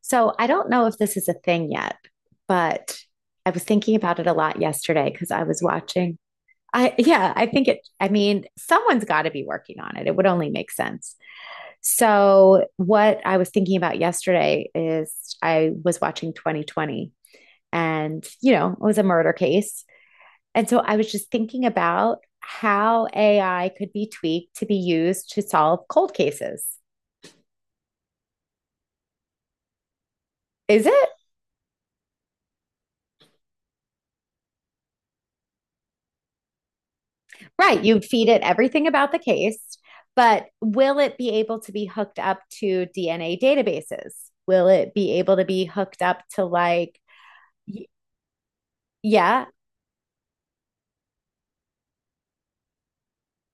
So I don't know if this is a thing yet, but I was thinking about it a lot yesterday because I was watching. I, yeah, I think it, I mean, Someone's got to be working on it. It would only make sense. So, what I was thinking about yesterday is I was watching 2020 and, you know, it was a murder case. And so I was just thinking about how AI could be tweaked to be used to solve cold cases. Is it? Right. You would feed it everything about the case, but will it be able to be hooked up to DNA databases? Will it be able to be hooked up to like, y- yeah,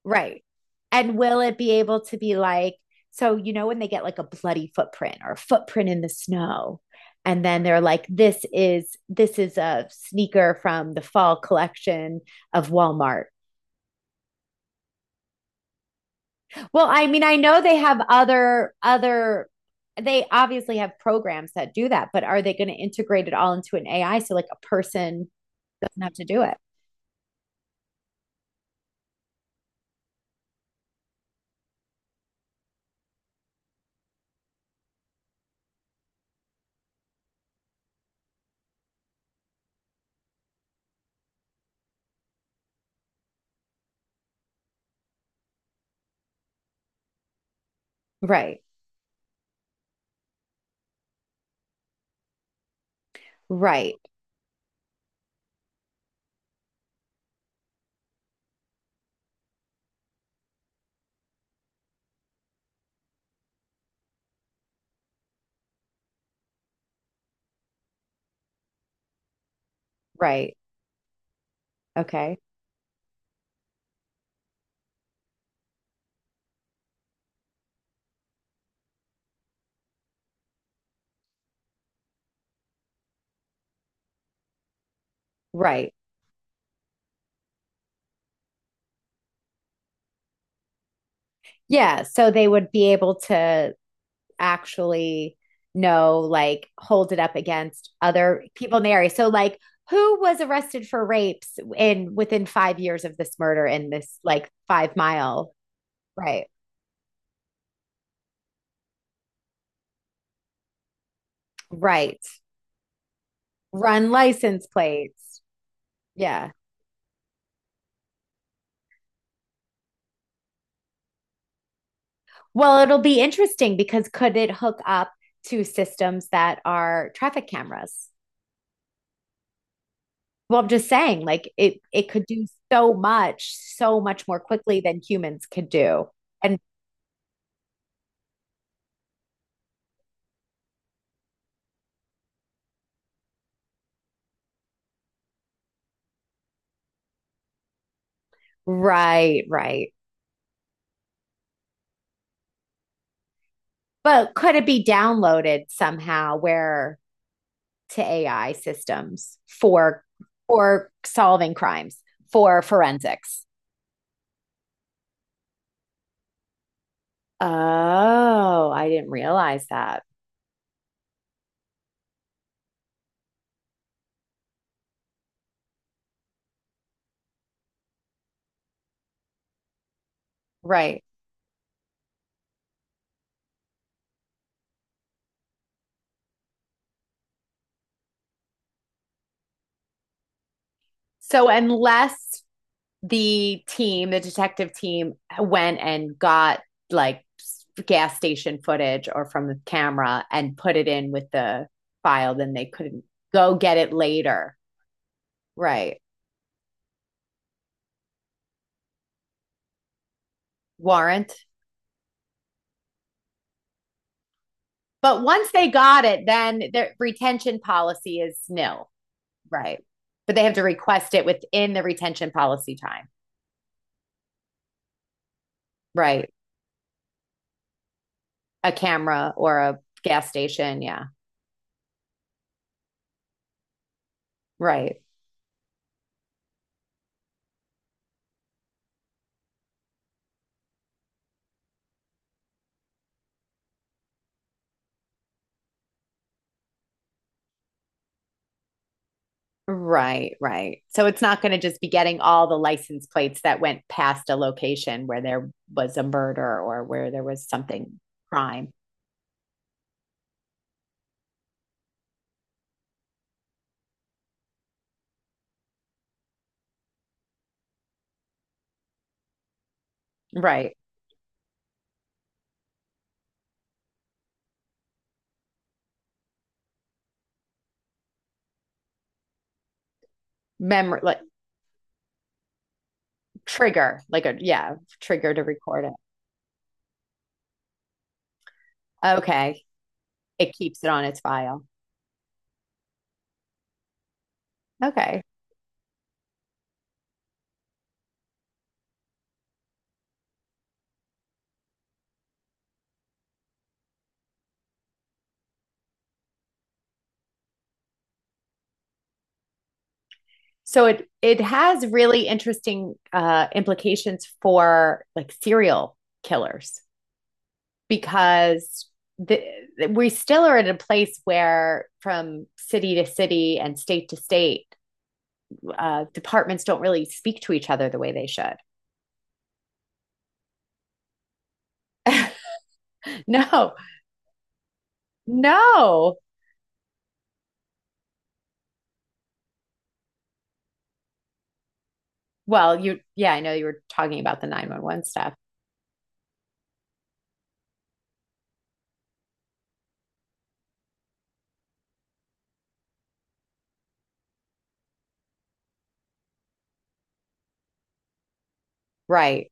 right. And will it be able to be like, so, you know, when they get like a bloody footprint or a footprint in the snow, and then they're like, this is a sneaker from the fall collection of Walmart. Well, I mean, I know they have other they obviously have programs that do that, but are they going to integrate it all into an AI so like a person doesn't have to do it? Right. Right. Right. Okay. Right. Yeah, so they would be able to actually know like hold it up against other people in the area. So like who was arrested for rapes in within 5 years of this murder in this like 5-mile, right? Right. Run license plates. Yeah. Well, it'll be interesting because could it hook up to systems that are traffic cameras? Well, I'm just saying, like it could do so much, so much more quickly than humans could do. And right, right. But could it be downloaded somehow where to AI systems for solving crimes, for forensics? Oh, I didn't realize that. Right. So unless the team, the detective team, went and got like gas station footage or from the camera and put it in with the file. Then they couldn't go get it later. Right. Warrant. But once they got it, then their retention policy is nil. Right. But they have to request it within the retention policy time. Right. A camera or a gas station. Yeah. Right. Right, right. So it's not going to just be getting all the license plates that went past a location where there was a murder or where there was something crime. Right. Memory, like trigger, like a, yeah, trigger to record it. Okay. It keeps it on its file. Okay. So it has really interesting implications for like serial killers, because the, we still are at a place where from city to city and state to state departments don't really speak to each other the way they should. No, no. Well, you, yeah, I know you were talking about the 911 stuff. Right,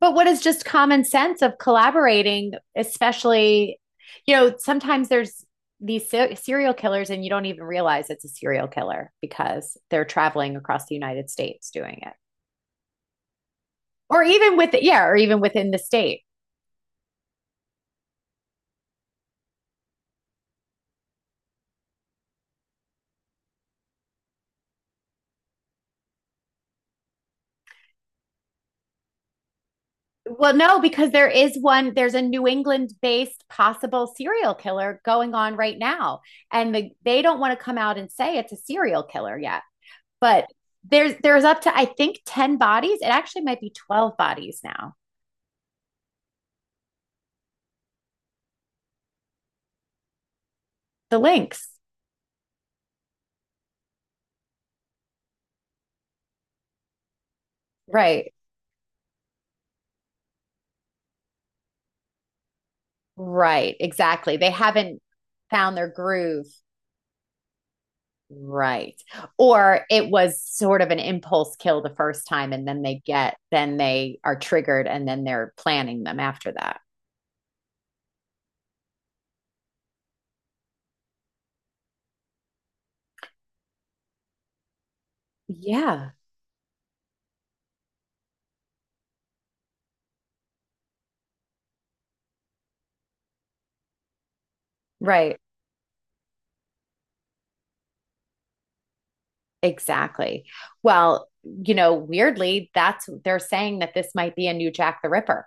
but what is just common sense of collaborating, especially, you know, sometimes there's these serial killers and you don't even realize it's a serial killer because they're traveling across the United States doing it. Or even with, yeah, or even within the state. Well, no, because there is one, there's a New England based possible serial killer going on right now. And the, they don't want to come out and say it's a serial killer yet. But there's up to I think 10 bodies. It actually might be 12 bodies now. The links. Right. Right. Exactly. They haven't found their groove. Right. Or it was sort of an impulse kill the first time and then they are triggered and then they're planning them after that. Yeah. Right. Exactly. Well, you know, weirdly, that's they're saying that this might be a new Jack the Ripper.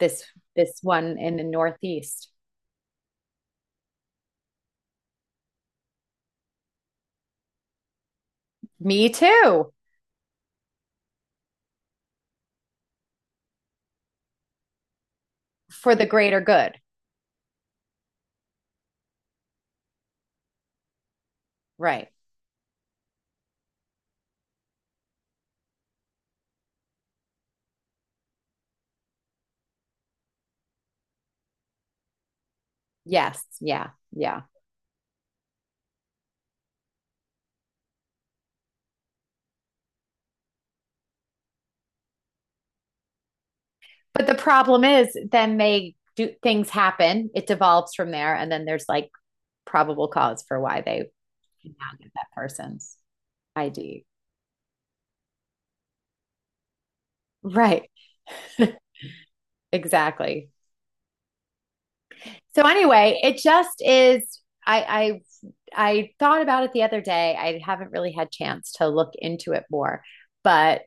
This this one in the Northeast. Me too. For the greater good. Right. Yes. Yeah. Yeah. But the problem is then they do things happen. It devolves from there and then there's like probable cause for why they can now get that person's ID. Right. Exactly. So anyway, it just is I thought about it the other day. I haven't really had chance to look into it more, but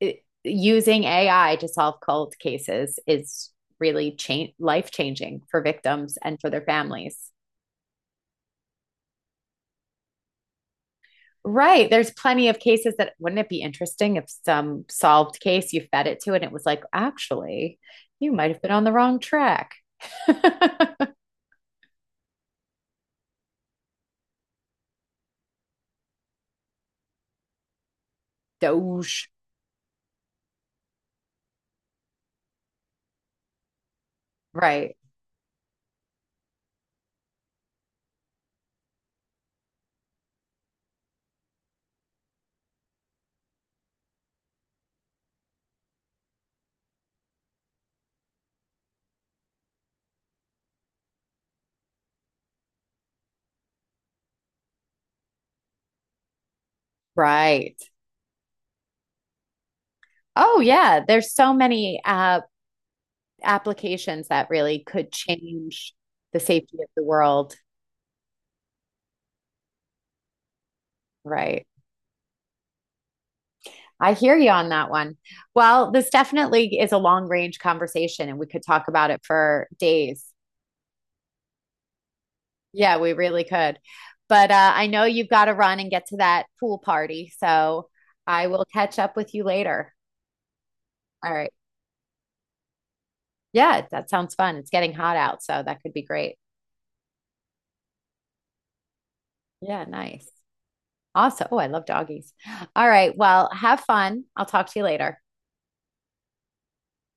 it, using AI to solve cold cases is really change life changing for victims and for their families. Right. There's plenty of cases that wouldn't it be interesting if some solved case you fed it to and it was like, actually, you might have been on the wrong track. Doge. Right. Right. Oh yeah, there's so many applications that really could change the safety of the world. Right. I hear you on that one. Well, this definitely is a long range conversation and we could talk about it for days. Yeah, we really could. But I know you've got to run and get to that pool party. So I will catch up with you later. All right. Yeah, that sounds fun. It's getting hot out. So that could be great. Yeah, nice. Awesome. Oh, I love doggies. All right. Well, have fun. I'll talk to you later.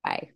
Bye.